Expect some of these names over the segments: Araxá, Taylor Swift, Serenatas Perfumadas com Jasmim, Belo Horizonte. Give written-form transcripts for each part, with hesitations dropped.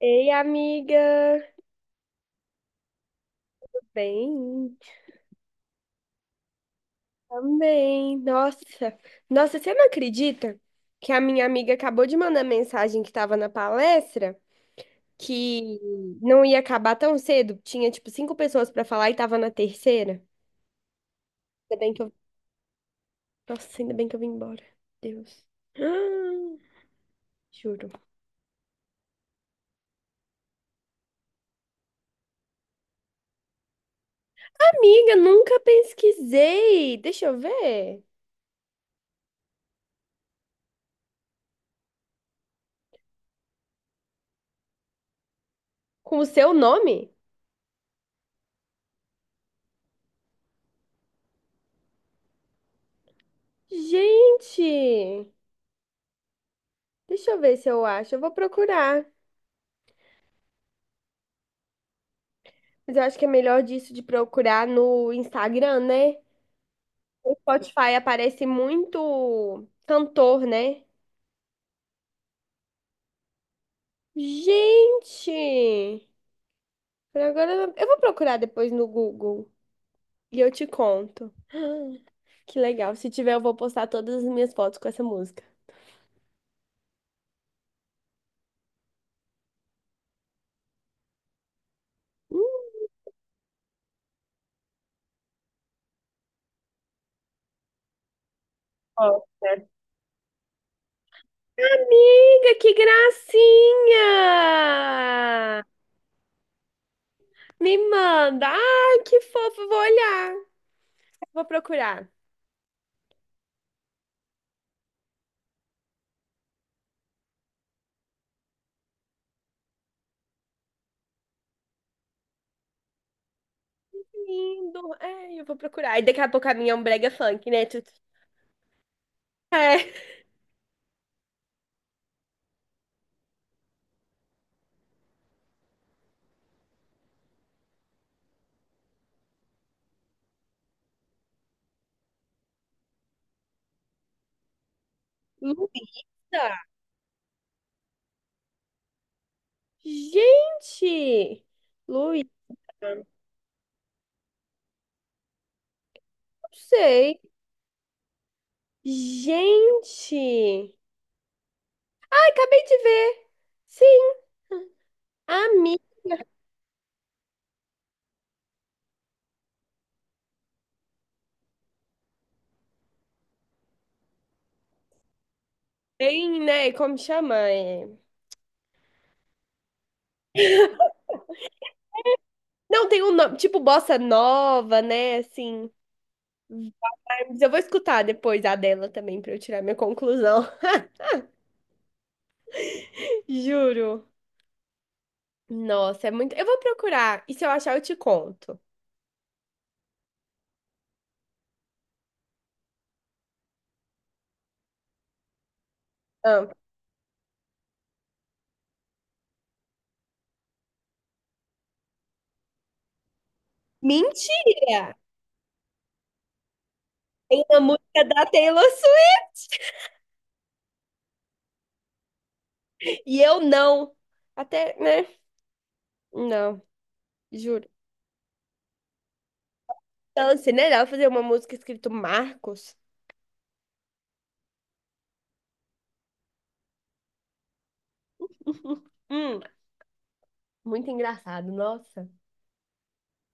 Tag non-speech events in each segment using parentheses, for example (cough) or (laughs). Ei, amiga. Bem, também. Nossa. Nossa, você não acredita que a minha amiga acabou de mandar mensagem que estava na palestra que não ia acabar tão cedo? Tinha, tipo, cinco pessoas para falar e tava na terceira. Ainda bem que eu... Nossa, ainda bem que eu vim embora. Deus. (gasps) Ah, juro. Amiga, nunca pesquisei. Deixa eu ver. Com o seu nome? Gente, deixa eu ver se eu acho. Eu vou procurar. Mas eu acho que é melhor disso de procurar no Instagram, né? O Spotify aparece muito cantor, né? Gente! Por agora eu vou procurar depois no Google e eu te conto. (gasps) Que legal. Se tiver, eu vou postar todas as minhas fotos com essa música. Nossa. Amiga, que gracinha! Me manda! Ai, que fofo! Vou olhar. Vou procurar. Lindo. É, eu vou procurar. E daqui a pouco a minha é um brega funk, né? É. Luísa. Gente. Luísa. Não sei. Gente. Ai, acabei de ver. Sim. Amiga. Tem, né? Como chama? Não, tem um nome. Tipo bossa nova, né? Assim. Mas eu vou escutar depois a dela também pra eu tirar minha conclusão. (laughs) Juro. Nossa, é muito. Eu vou procurar. E se eu achar, eu te conto. Ah. Mentira! Tem uma música da Taylor Swift! E eu não. Até, né? Não, juro. Então, assim, né? Ela fazer uma música escrito Marcos. (laughs) Hum, muito engraçado, nossa.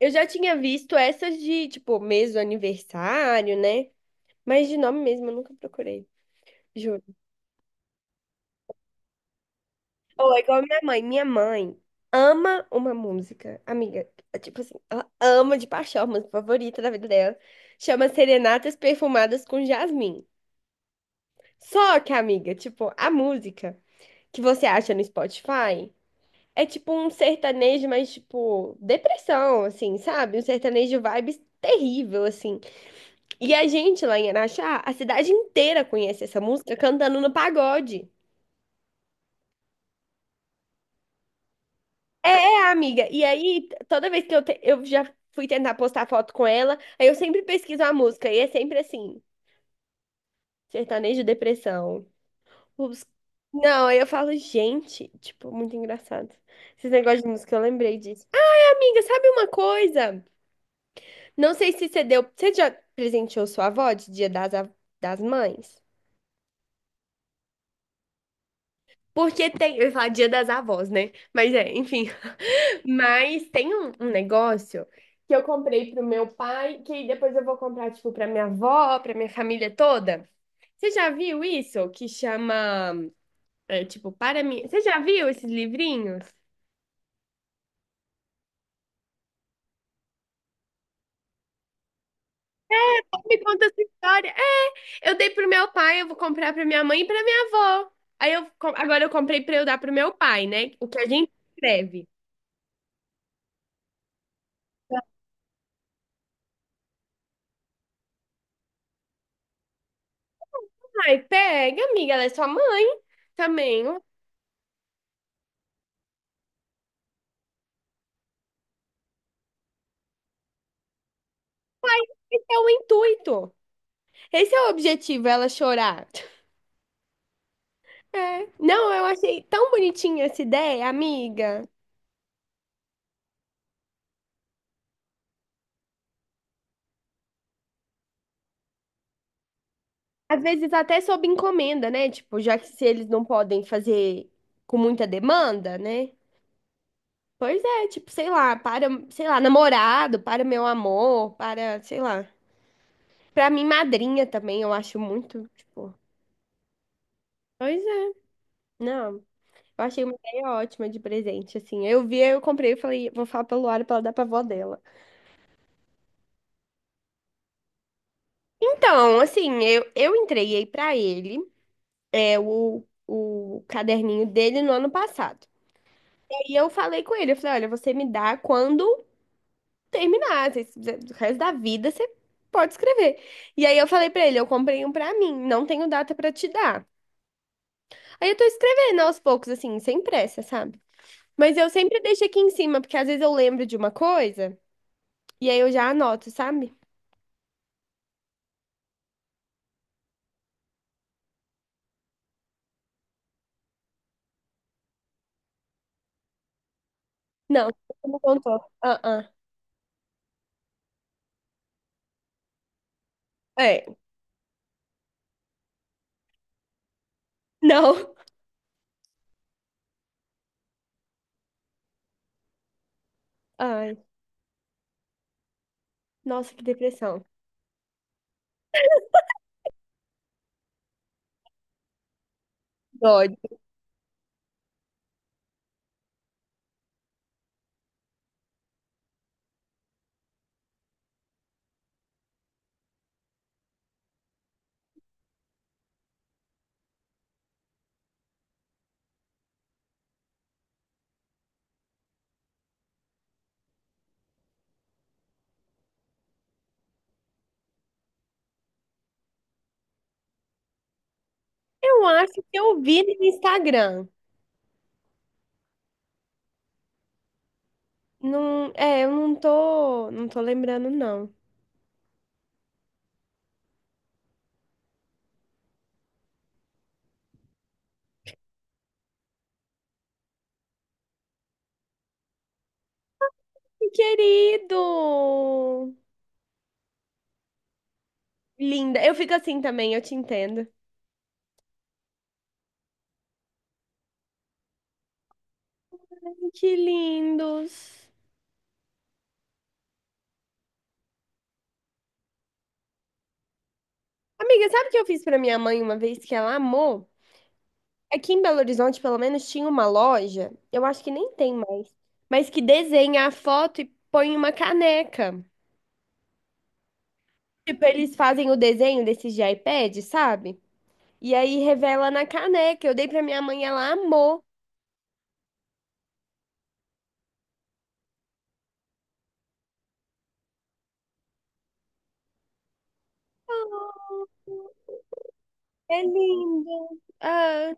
Eu já tinha visto essas de, tipo, mês do aniversário, né? Mas de nome mesmo eu nunca procurei, juro. Ou é igual a minha mãe. Minha mãe ama uma música, amiga. Tipo assim, ela ama de paixão, a música favorita da vida dela. Chama Serenatas Perfumadas com Jasmim. Só que, amiga, tipo, a música que você acha no Spotify é tipo um sertanejo, mas tipo, depressão, assim, sabe? Um sertanejo vibes terrível, assim. E a gente lá em Araxá, a cidade inteira conhece essa música cantando no pagode. É, é, amiga. E aí, toda vez que eu já fui tentar postar foto com ela, aí eu sempre pesquiso a música e é sempre assim, sertanejo depressão. Os- Não, aí eu falo, gente, tipo, muito engraçado. Esses negócios de música, eu lembrei disso. Amiga, sabe uma coisa? Não sei se você deu. Você já presenteou sua avó de Dia das Mães? Porque tem. Eu ia falar Dia das Avós, né? Mas é, enfim. (laughs) Mas tem um negócio que eu comprei pro meu pai, que aí depois eu vou comprar, tipo, pra minha avó, pra minha família toda. Você já viu isso? Que chama. É, tipo, para mim. Você já viu esses livrinhos? Me conta essa história. É, eu dei pro meu pai, eu vou comprar pra minha mãe e pra minha avó. Aí agora eu comprei pra eu dar pro meu pai, né? O que a gente escreve. Ai, pega, amiga, ela é sua mãe também. Esse é o intuito. Esse é o objetivo, ela chorar. É. Não, eu achei tão bonitinha essa ideia, amiga. Às vezes até sob encomenda, né? Tipo, já que se eles não podem fazer com muita demanda, né? Pois é, tipo, sei lá, para, sei lá, namorado, para meu amor, para, sei lá. Pra mim, madrinha também, eu acho muito, tipo. Pois é. Não, eu achei uma ideia ótima de presente, assim. Eu vi, eu comprei, eu falei, vou falar pra Luara pra ela dar pra avó dela. Então, assim, eu entreguei pra ele é, o caderninho dele no ano passado. E aí eu falei com ele, eu falei, olha, você me dá quando terminar, o resto da vida você pode escrever. E aí eu falei pra ele, eu comprei um pra mim, não tenho data pra te dar. Aí eu tô escrevendo aos poucos, assim, sem pressa, sabe? Mas eu sempre deixo aqui em cima, porque às vezes eu lembro de uma coisa e aí eu já anoto, sabe? Não, você não contou. Ah, ah. É, não. Ai, nossa, que depressão. Dói. Eu acho que eu vi no Instagram. Não, é, eu não tô, lembrando, não. Que querido! Linda. Eu fico assim também, eu te entendo. Ai, que lindos. Amiga, sabe o que eu fiz pra minha mãe uma vez que ela amou? Aqui em Belo Horizonte, pelo menos, tinha uma loja, eu acho que nem tem mais, mas que desenha a foto e põe uma caneca. Tipo, eles fazem o desenho desses de iPad, sabe? E aí revela na caneca. Eu dei pra minha mãe, ela amou. Oh, é lindo. Ah,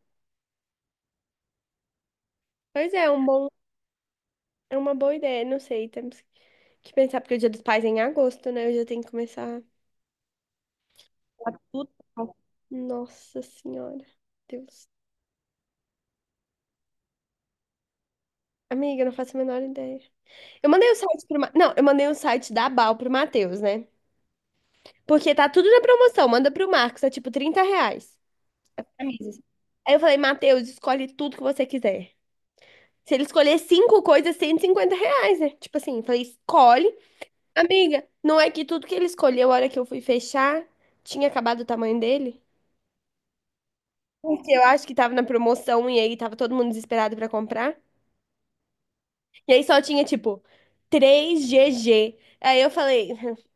pois é, é uma boa ideia, não sei, temos que pensar, porque o Dia dos Pais é em agosto, né? Eu já tenho que começar. Tá tudo bom. Nossa Senhora. Deus. Amiga, eu não faço a menor ideia. Eu mandei o site pro. Não, eu mandei o site da Bal pro Matheus, né? Porque tá tudo na promoção. Manda pro Marcos, é tipo R$ 30. Camisas. Aí eu falei, Matheus, escolhe tudo que você quiser. Se ele escolher cinco coisas, R$ 150, né? Tipo assim, eu falei, escolhe. Amiga, não é que tudo que ele escolheu, a hora que eu fui fechar, tinha acabado o tamanho dele? Porque eu acho que tava na promoção e aí tava todo mundo desesperado pra comprar. E aí só tinha, tipo, 3GG. Aí eu falei, (laughs)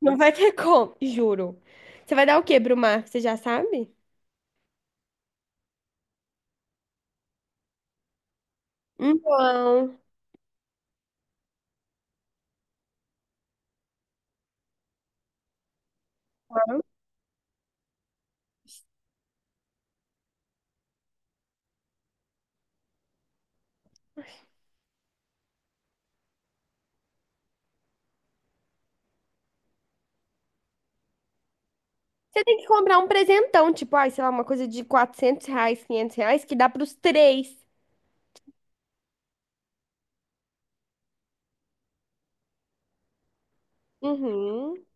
não vai ter como, juro. Você vai dar o quê pro Marco? Você já sabe? Então, você tem que comprar um presentão, tipo, ai, sei lá, uma coisa de R$ 400, R$ 500, que dá pros três. Uhum.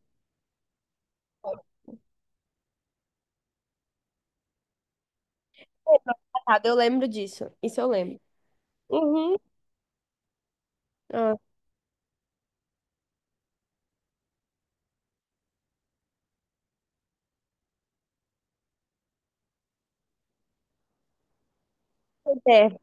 Engraçado, eu lembro disso. Isso eu lembro. Uhum. Ah, pois é.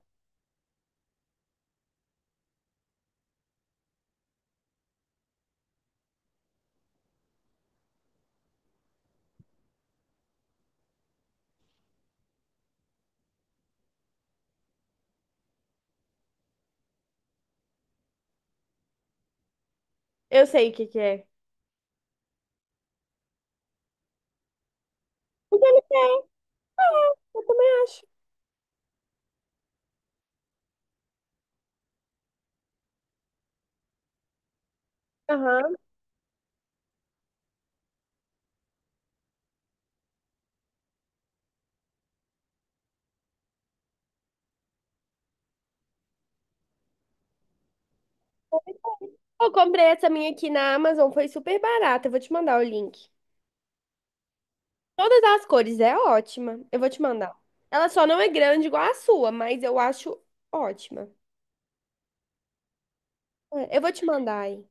Eu sei o que que é. Porque ele tem. Ah, eu também acho. Aham. Eu comprei essa minha aqui na Amazon, foi super barata. Eu vou te mandar o link. Todas as cores, é ótima. Eu vou te mandar. Ela só não é grande igual a sua, mas eu acho ótima. É, eu vou te mandar aí.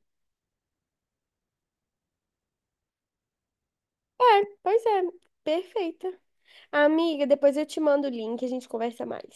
É, pois é, perfeita. Amiga, depois eu te mando o link, a gente conversa mais.